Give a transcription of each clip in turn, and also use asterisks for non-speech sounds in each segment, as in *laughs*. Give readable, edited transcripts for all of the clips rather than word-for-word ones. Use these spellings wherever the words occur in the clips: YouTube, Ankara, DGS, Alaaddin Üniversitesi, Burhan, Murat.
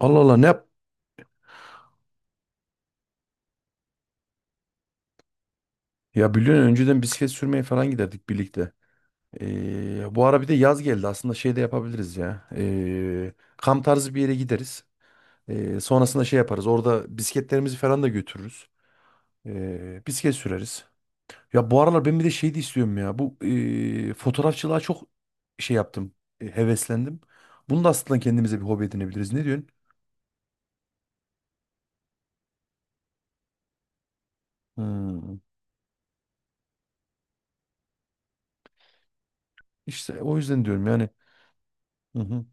Allah Allah ne yap? Ya biliyorsun önceden bisiklet sürmeye falan giderdik birlikte. Bu ara bir de yaz geldi. Aslında şey de yapabiliriz ya. Kamp tarzı bir yere gideriz. Sonrasında şey yaparız. Orada bisikletlerimizi falan da götürürüz. Bisiklet süreriz. Ya bu aralar ben bir de şey de istiyorum ya. Bu fotoğrafçılığa çok şey yaptım. Heveslendim. Bunu da aslında kendimize bir hobi edinebiliriz. Ne diyorsun? Hmm. İşte o yüzden diyorum yani. Hı hı.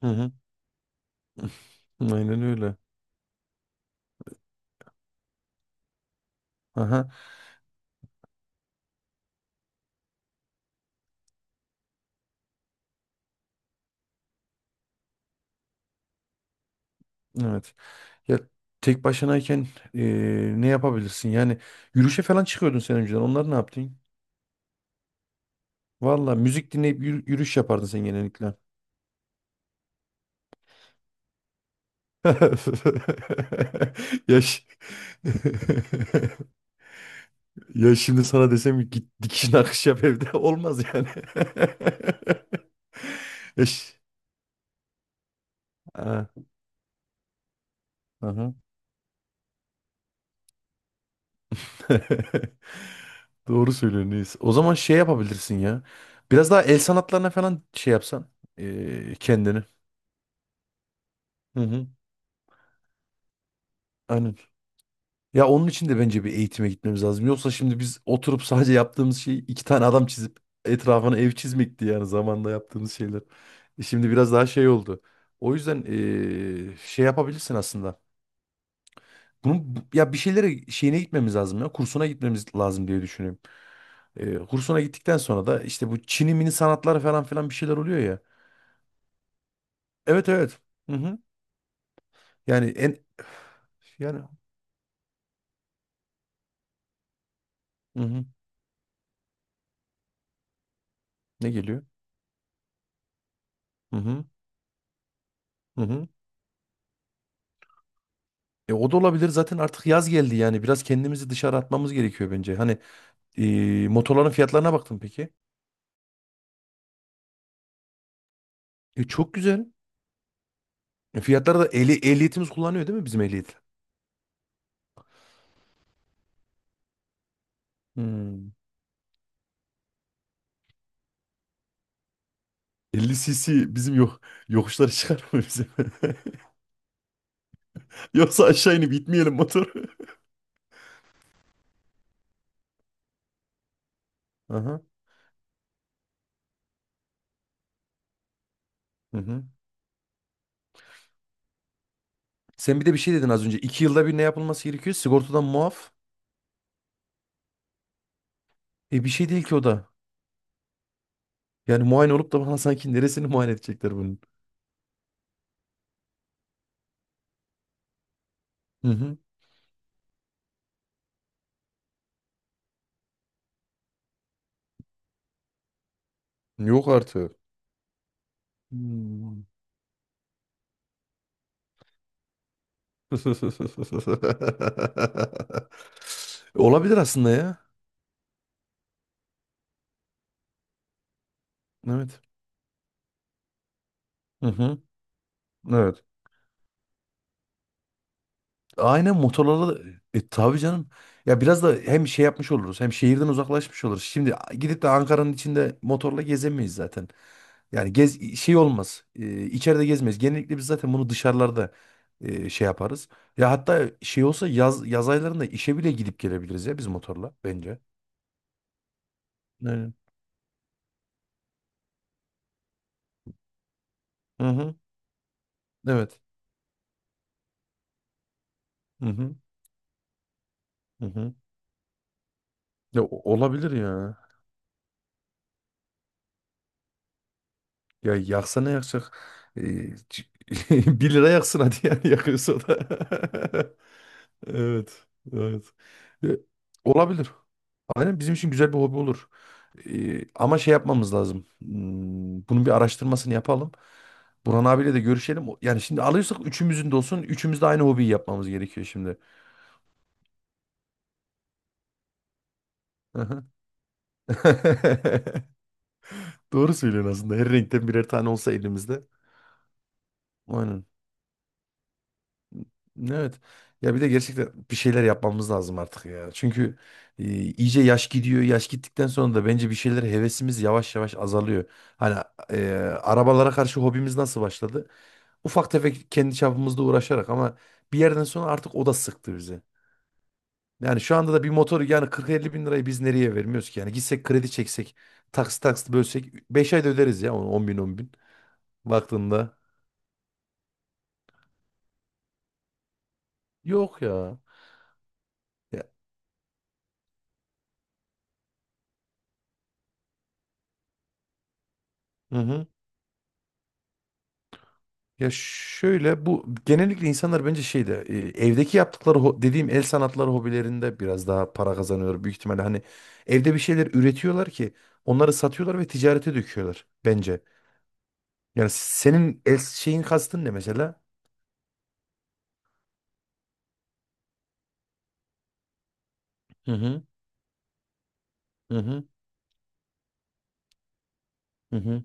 Hı hı. Aynen öyle. Aha. Evet. Ya tek başınayken ne yapabilirsin? Yani yürüyüşe falan çıkıyordun sen önceden. Onlar ne yaptın? Valla müzik dinleyip yürüyüş yapardın sen genellikle. *laughs* Yaş. *laughs* Ya şimdi sana desem ki git dikişine akış yap evde *laughs* olmaz yani. *laughs* Yaş. Ha, aha. *laughs* Doğru söylüyorsun Reis. O zaman şey yapabilirsin ya. Biraz daha el sanatlarına falan şey yapsan kendini. Hı hı. Aynen. Ya onun için de bence bir eğitime gitmemiz lazım. Yoksa şimdi biz oturup sadece yaptığımız şey iki tane adam çizip etrafına ev çizmekti yani zamanla yaptığımız şeyler. Şimdi biraz daha şey oldu. O yüzden şey yapabilirsin aslında. Bunun ya bir şeylere şeyine gitmemiz lazım ya. Kursuna gitmemiz lazım diye düşünüyorum. Kursuna gittikten sonra da işte bu Çin'i mini sanatları falan filan bir şeyler oluyor ya. Evet, evet. Hı hı. Yani en yani. Hı hı. Ne geliyor? Hı hı. Hı hı. O da olabilir. Zaten artık yaz geldi yani. Biraz kendimizi dışarı atmamız gerekiyor bence. Hani motorların fiyatlarına baktın peki. Çok güzel. Fiyatları da ehliyetimiz kullanıyor değil mi bizim ehliyet? Hmm. 50 cc bizim yok yokuşlara çıkar mı bizim? *laughs* Yoksa aşağı inip itmeyelim motoru. Aha. Hı hı. Sen bir de bir şey dedin az önce. İki yılda bir ne yapılması gerekiyor? Sigortadan muaf. Bir şey değil ki o da. Yani muayene olup da bana sanki neresini muayene edecekler bunun. Hı hı. Yok artık. Hmm. *laughs* Olabilir aslında ya. Evet. Hı hı. Evet. Aynen motorlara da tabii canım. Ya biraz da hem şey yapmış oluruz hem şehirden uzaklaşmış oluruz. Şimdi gidip de Ankara'nın içinde motorla gezemeyiz zaten. Yani gez şey olmaz. İçeride gezmeyiz. Genellikle biz zaten bunu dışarılarda şey yaparız. Ya hatta şey olsa yaz yaz aylarında işe bile gidip gelebiliriz ya biz motorla bence. Aynen. Hı hı. Evet. Hı hı. Hı hı. Ya, olabilir ya. Ya yaksa ne yakacak? Ee, c- *laughs* bir lira yaksın hadi yani yakıyorsa da. *laughs* Evet. Evet. Ee, Olabilir. Aynen bizim için güzel bir hobi olur. Ama şey yapmamız lazım. Bunun bir araştırmasını yapalım. Burhan abiyle de görüşelim. Yani şimdi alıyorsak üçümüzün de olsun. Üçümüz de aynı hobiyi yapmamız gerekiyor şimdi. Aha. *laughs* Doğru söylüyorsun aslında. Her renkten birer tane olsa elimizde. Aynen. Evet. Ya bir de gerçekten bir şeyler yapmamız lazım artık ya. Çünkü iyice yaş gidiyor. Yaş gittikten sonra da bence bir şeyler hevesimiz yavaş yavaş azalıyor. Hani e, arabalara karşı hobimiz nasıl başladı? Ufak tefek kendi çapımızda uğraşarak ama bir yerden sonra artık o da sıktı bizi. Yani şu anda da bir motoru yani 40-50 bin lirayı biz nereye vermiyoruz ki? Yani gitsek kredi çeksek, taksit taksit bölsek 5 ayda öderiz ya onu 10 bin. Baktığında yok ya. Ya, hı hı. Ya şöyle bu genellikle insanlar bence şeyde evdeki yaptıkları dediğim el sanatları hobilerinde biraz daha para kazanıyor büyük ihtimalle. Hani evde bir şeyler üretiyorlar ki onları satıyorlar ve ticarete döküyorlar bence. Yani senin el şeyin kastın ne mesela? Hı hı, hı hı, hı hı.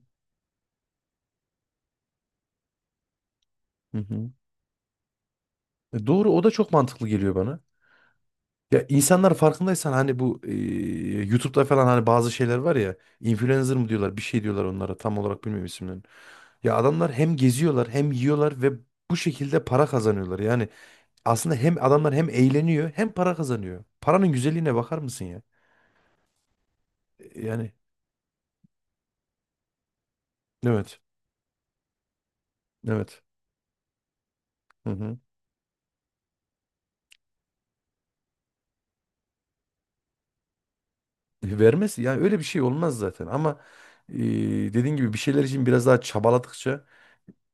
Hı hı. Doğru o da çok mantıklı geliyor bana. Ya insanlar farkındaysan hani bu YouTube'da falan hani bazı şeyler var ya influencer mı diyorlar bir şey diyorlar onlara tam olarak bilmiyorum isimlerini. Ya adamlar hem geziyorlar hem yiyorlar ve bu şekilde para kazanıyorlar. Yani aslında hem adamlar hem eğleniyor hem para kazanıyor. Paranın güzelliğine bakar mısın ya? Yani evet, evet. Hı hı. Vermez yani öyle bir şey olmaz zaten ama dediğin gibi bir şeyler için biraz daha çabaladıkça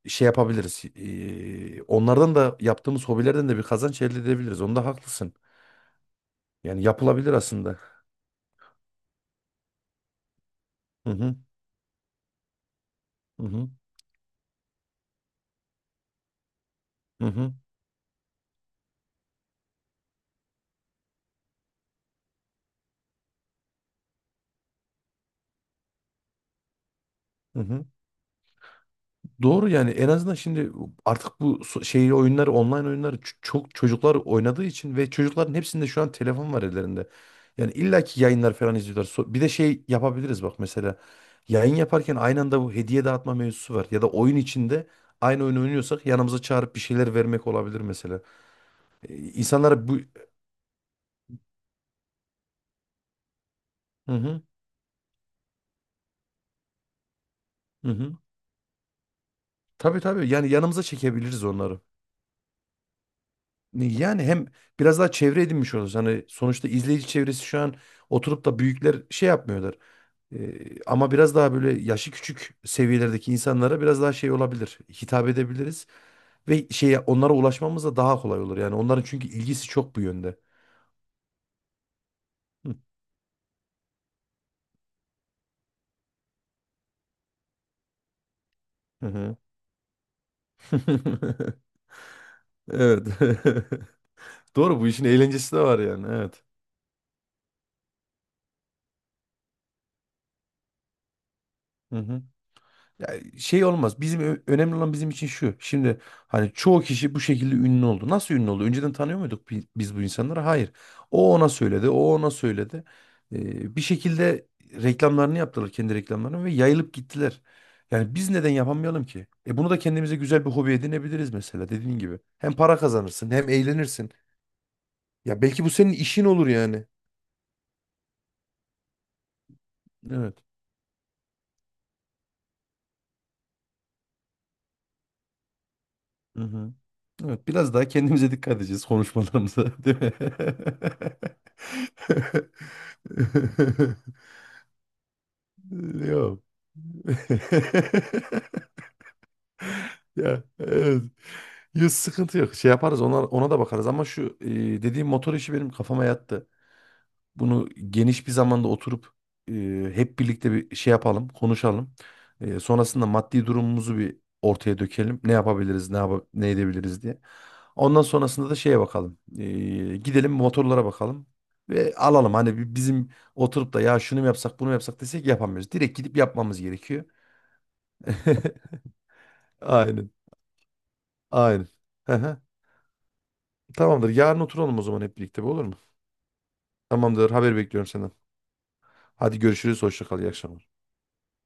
şey yapabiliriz. Onlardan da yaptığımız hobilerden de bir kazanç elde edebiliriz. Onda haklısın. Yani yapılabilir aslında. Hı hı. Hı hı. Hı hı. Hı hı. Doğru yani en azından şimdi artık bu şey oyunları online oyunları çok çocuklar oynadığı için ve çocukların hepsinde şu an telefon var ellerinde. Yani illaki yayınlar falan izliyorlar. Bir de şey yapabiliriz bak mesela yayın yaparken aynı anda bu hediye dağıtma mevzusu var ya da oyun içinde aynı oyunu oynuyorsak yanımıza çağırıp bir şeyler vermek olabilir mesela. İnsanlara bu. Hı hı, hı hı. Tabii tabii yani yanımıza çekebiliriz onları. Yani hem biraz daha çevre edinmiş oluruz. Hani sonuçta izleyici çevresi şu an oturup da büyükler şey yapmıyorlar. Ama biraz daha böyle yaşı küçük seviyelerdeki insanlara biraz daha şey olabilir. Hitap edebiliriz ve şeye onlara ulaşmamız da daha kolay olur. Yani onların çünkü ilgisi çok bu yönde. Hı hı. Hı. *laughs* Evet. *laughs* Doğru bu işin eğlencesi de var yani. Evet. Hı hı. Ya şey olmaz. Bizim önemli olan bizim için şu. Şimdi hani çoğu kişi bu şekilde ünlü oldu. Nasıl ünlü oldu? Önceden tanıyor muyduk biz bu insanları? Hayır. O ona söyledi, o ona söyledi. Bir şekilde reklamlarını yaptılar, kendi reklamlarını ve yayılıp gittiler. Yani biz neden yapamayalım ki? Bunu da kendimize güzel bir hobi edinebiliriz mesela dediğin gibi. Hem para kazanırsın, hem eğlenirsin. Ya belki bu senin işin olur yani. Evet. Hı hı. Evet, biraz daha kendimize dikkat edeceğiz konuşmalarımıza, *laughs* değil mi? *laughs* Yok. *laughs* Ya evet. Ya, sıkıntı yok. Şey yaparız ona, ona da bakarız ama şu dediğim motor işi benim kafama yattı. Bunu geniş bir zamanda oturup hep birlikte bir şey yapalım, konuşalım. Sonrasında maddi durumumuzu bir ortaya dökelim. Ne yapabiliriz, ne edebiliriz diye. Ondan sonrasında da şeye bakalım. Gidelim motorlara bakalım ve alalım. Hani bizim oturup da ya şunu mu yapsak, bunu mu yapsak desek yapamıyoruz. Direkt gidip yapmamız gerekiyor. *laughs* Aynen, aynen. Hı hı. Tamamdır. Yarın oturalım o zaman hep birlikte, bu olur mu? Tamamdır. Haber bekliyorum senden. Hadi görüşürüz. Hoşça kal. İyi akşamlar.